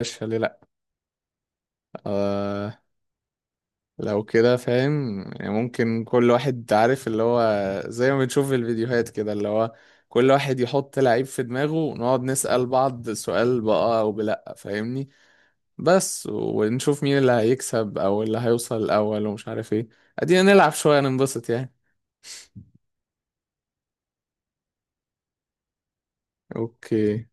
مش ليه، لأ. آه. لو كده فاهم يعني، ممكن كل واحد عارف اللي هو، زي ما بنشوف في الفيديوهات كده، اللي هو كل واحد يحط لعيب في دماغه، ونقعد نسأل بعض سؤال بقى أو بلأ، فاهمني؟ بس ونشوف مين اللي هيكسب أو اللي هيوصل الأول ومش عارف ايه. أدينا نلعب شوية ننبسط يعني. أوكي.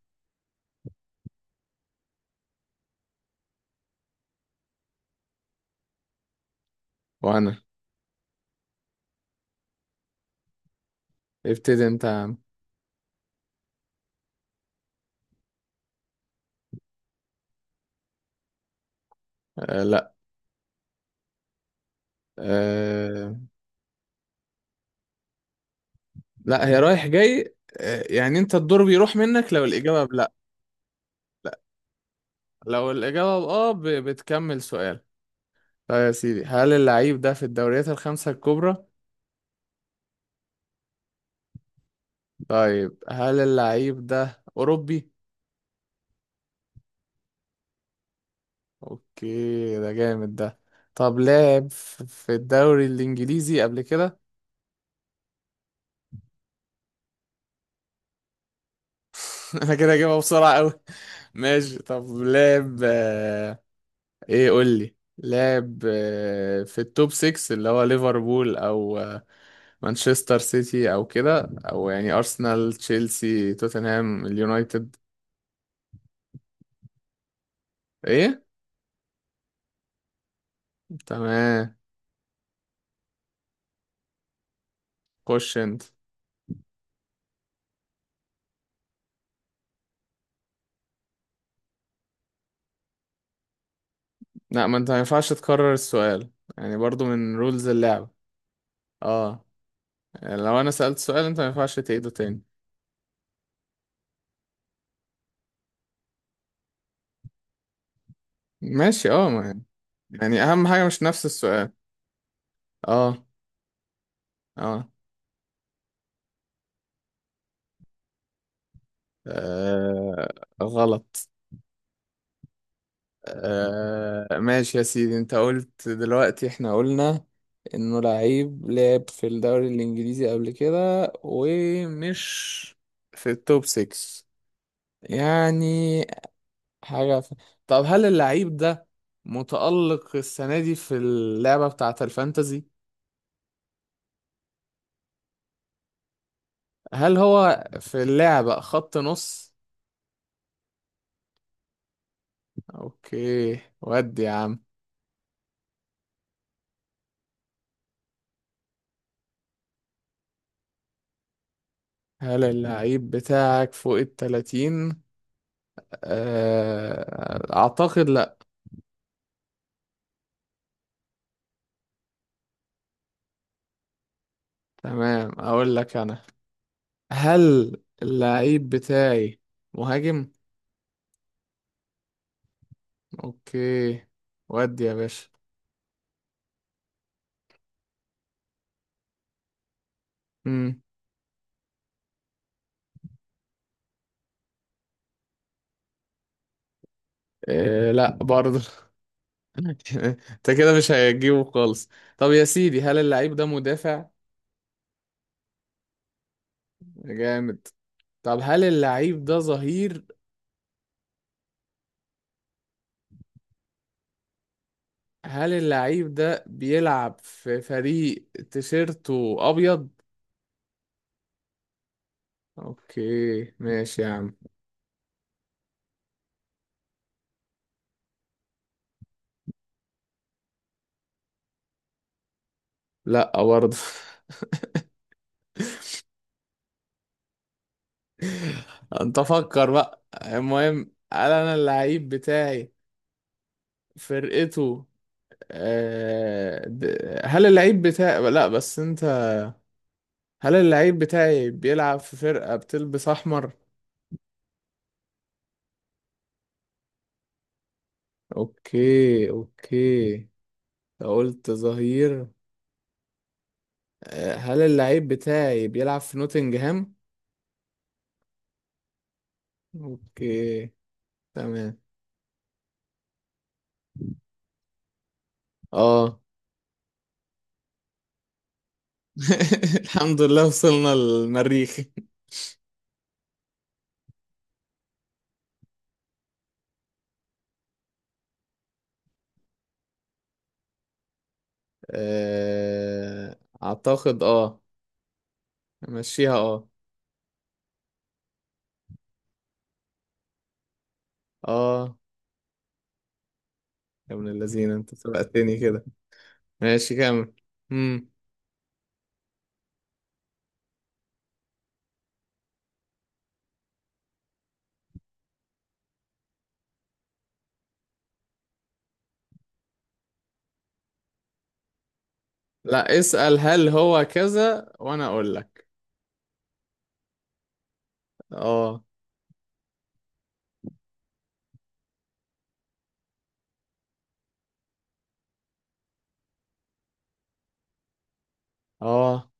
وأنا. ابتدي أنت يا عم. آه. لأ. آه. لأ، هي رايح جاي. آه يعني أنت الدور بيروح منك لو الإجابة بلأ. لو الإجابة بآه بتكمل سؤال. طيب يا سيدي، هل اللعيب ده في الدوريات الخمسة الكبرى؟ طيب، هل اللعيب ده أوروبي؟ أوكي، ده جامد ده. طب لعب في الدوري الإنجليزي قبل كده؟ أنا كده هجيبها بسرعة أوي. ماشي، طب لعب، إيه، قول لي لعب، في التوب 6 اللي هو ليفربول، أو مانشستر سيتي، أو كده، أو يعني أرسنال تشيلسي توتنهام اليونايتد. إيه؟ تمام. خش انت. لا، ما انت ما ينفعش تكرر السؤال. يعني برضو من رولز اللعبة. اه. يعني لو انا سألت سؤال، انت ما ينفعش تعيده تاني. ماشي، اه ما، يعني اهم حاجة مش نفس السؤال. اه. اه. آه، غلط. آه، ماشي يا سيدي، انت قلت دلوقتي احنا قلنا انه لعيب لعب في الدوري الانجليزي قبل كده ومش في التوب 6. يعني حاجة طب، هل اللعيب ده متألق السنة دي في اللعبة بتاعة الفانتزي؟ هل هو في اللعبة خط نص؟ اوكي، ودي يا عم. هل اللعيب بتاعك فوق التلاتين؟ اعتقد لا. تمام، اقول لك انا. هل اللعيب بتاعي مهاجم؟ اوكي، ودي يا باشا. مم. إيه، لا برضه. انت كده مش هتجيبه خالص. طب يا سيدي، هل اللعيب ده مدافع؟ جامد. طب هل اللعيب ده ظهير؟ هل اللعيب ده بيلعب في فريق تيشيرته ابيض؟ اوكي ماشي يا عم. لا برضه. انت فكر بقى، المهم هل انا اللعيب بتاعي فرقته، هل اللعيب بتاعي، لا بس انت، هل اللعيب بتاعي بيلعب في فرقة بتلبس احمر؟ اوكي اوكي. قلت ظهير. هل اللعيب بتاعي بيلعب في نوتنجهام؟ اوكي. تمام. اه. الحمد لله وصلنا للمريخ. اعتقد اه. امشيها اه. اه. يا ابن اللذين، انت سبقتني كده. ماشي كمل. مم. لا، اسأل هل هو كذا وانا اقول لك. اه. اه.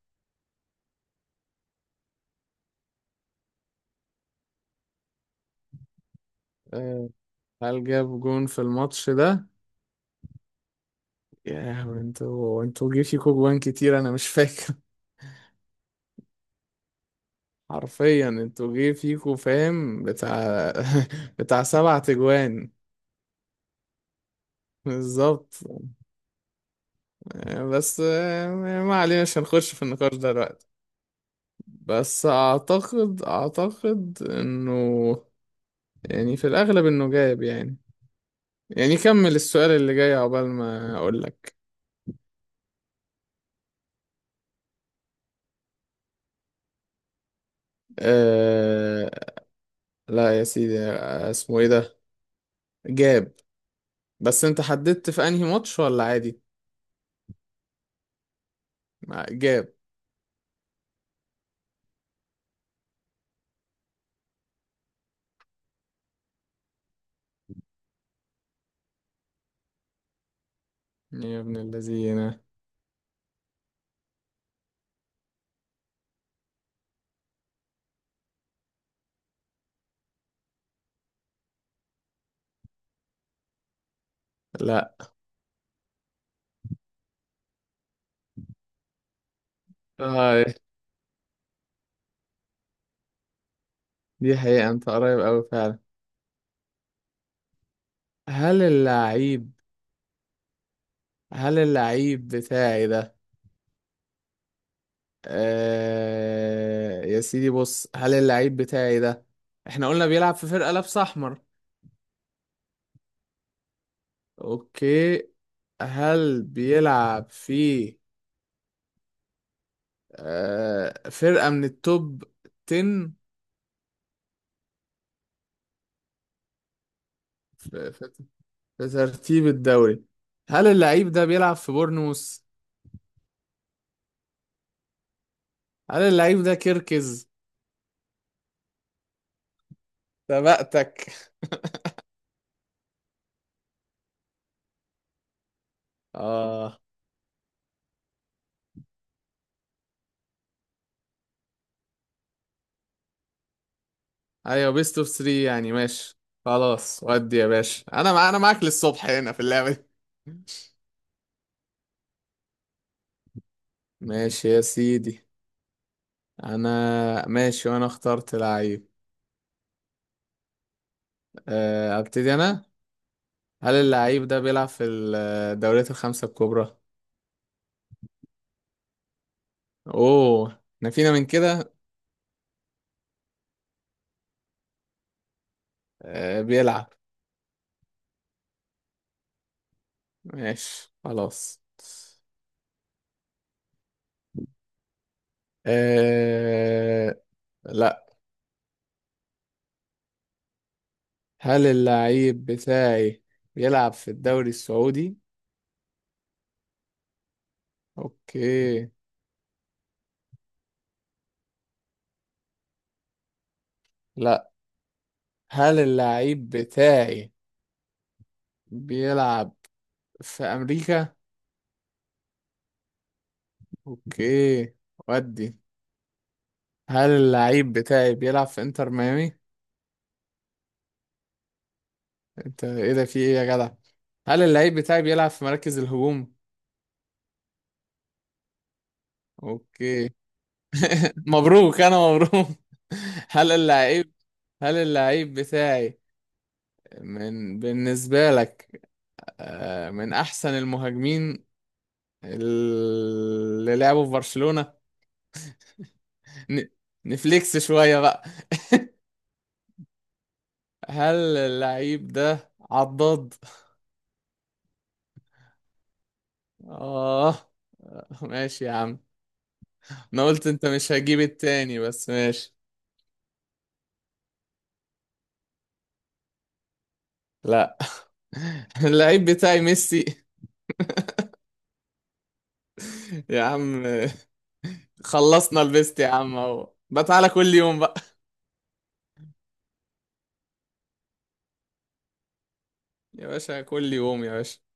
آه، هل جاب جون في الماتش ده؟ يا انتوا انتوا جه فيكوا جوان كتير، انا مش فاكر. حرفيا انتوا جه فيكوا، فاهم، بتاع. بتاع سبع تجوان. بالظبط. بس ما علينا، مش هنخش في النقاش ده دلوقتي. بس اعتقد اعتقد انه، يعني في الاغلب انه جايب يعني، يعني كمل السؤال اللي جاي عقبال ما اقول لك. أه. لا يا سيدي، اسمه ايه ده، جاب. بس انت حددت في انهي ماتش ولا عادي؟ جاب. يا ابن الذين. لا. آه دي حقيقة، انت قريب اوي فعلا. هل اللعيب هل اللعيب بتاعي ده، آه يا سيدي بص، هل اللعيب بتاعي ده، احنا قلنا بيلعب في فرقة لابسة احمر. اوكي. هل بيلعب في آه فرقة من التوب 10 في, في, في ترتيب الدوري؟ هل اللعيب ده بيلعب في بورنموث؟ هل اللعيب ده كيركز؟ سبقتك. آه ايوه بيست اوف 3 يعني، ماشي. خلاص ودي يا باشا، انا معاك للصبح هنا في اللعبة دي. ماشي يا سيدي. انا ماشي وانا اخترت لعيب. ابتدي انا. هل اللعيب ده بيلعب في الدوريات الخمسة الكبرى؟ اوه، احنا فينا من كده. بيلعب. ماشي خلاص. أه... لا. هل اللعيب بتاعي بيلعب في الدوري السعودي؟ اوكي. لا. هل اللعيب بتاعي بيلعب في أمريكا؟ أوكي، ودي. هل اللعيب بتاعي بيلعب في إنتر ميامي؟ أنت إيه ده، في إيه يا جدع؟ هل اللعيب بتاعي بيلعب في مراكز الهجوم؟ أوكي. مبروك أنا مبروك. هل اللعيب هل اللعيب بتاعي، من بالنسبة لك، من أحسن المهاجمين اللي لعبوا في برشلونة؟ ن- نفليكس شوية بقى. هل اللعيب ده عضاد؟ اه. ماشي يا عم. انا قلت انت مش هجيب التاني بس ماشي. لا. اللعيب بتاعي ميسي. يا عم. خلصنا البيست يا عم، اهو بقى، تعالى كل يوم بقى. يا باشا كل يوم يا باشا.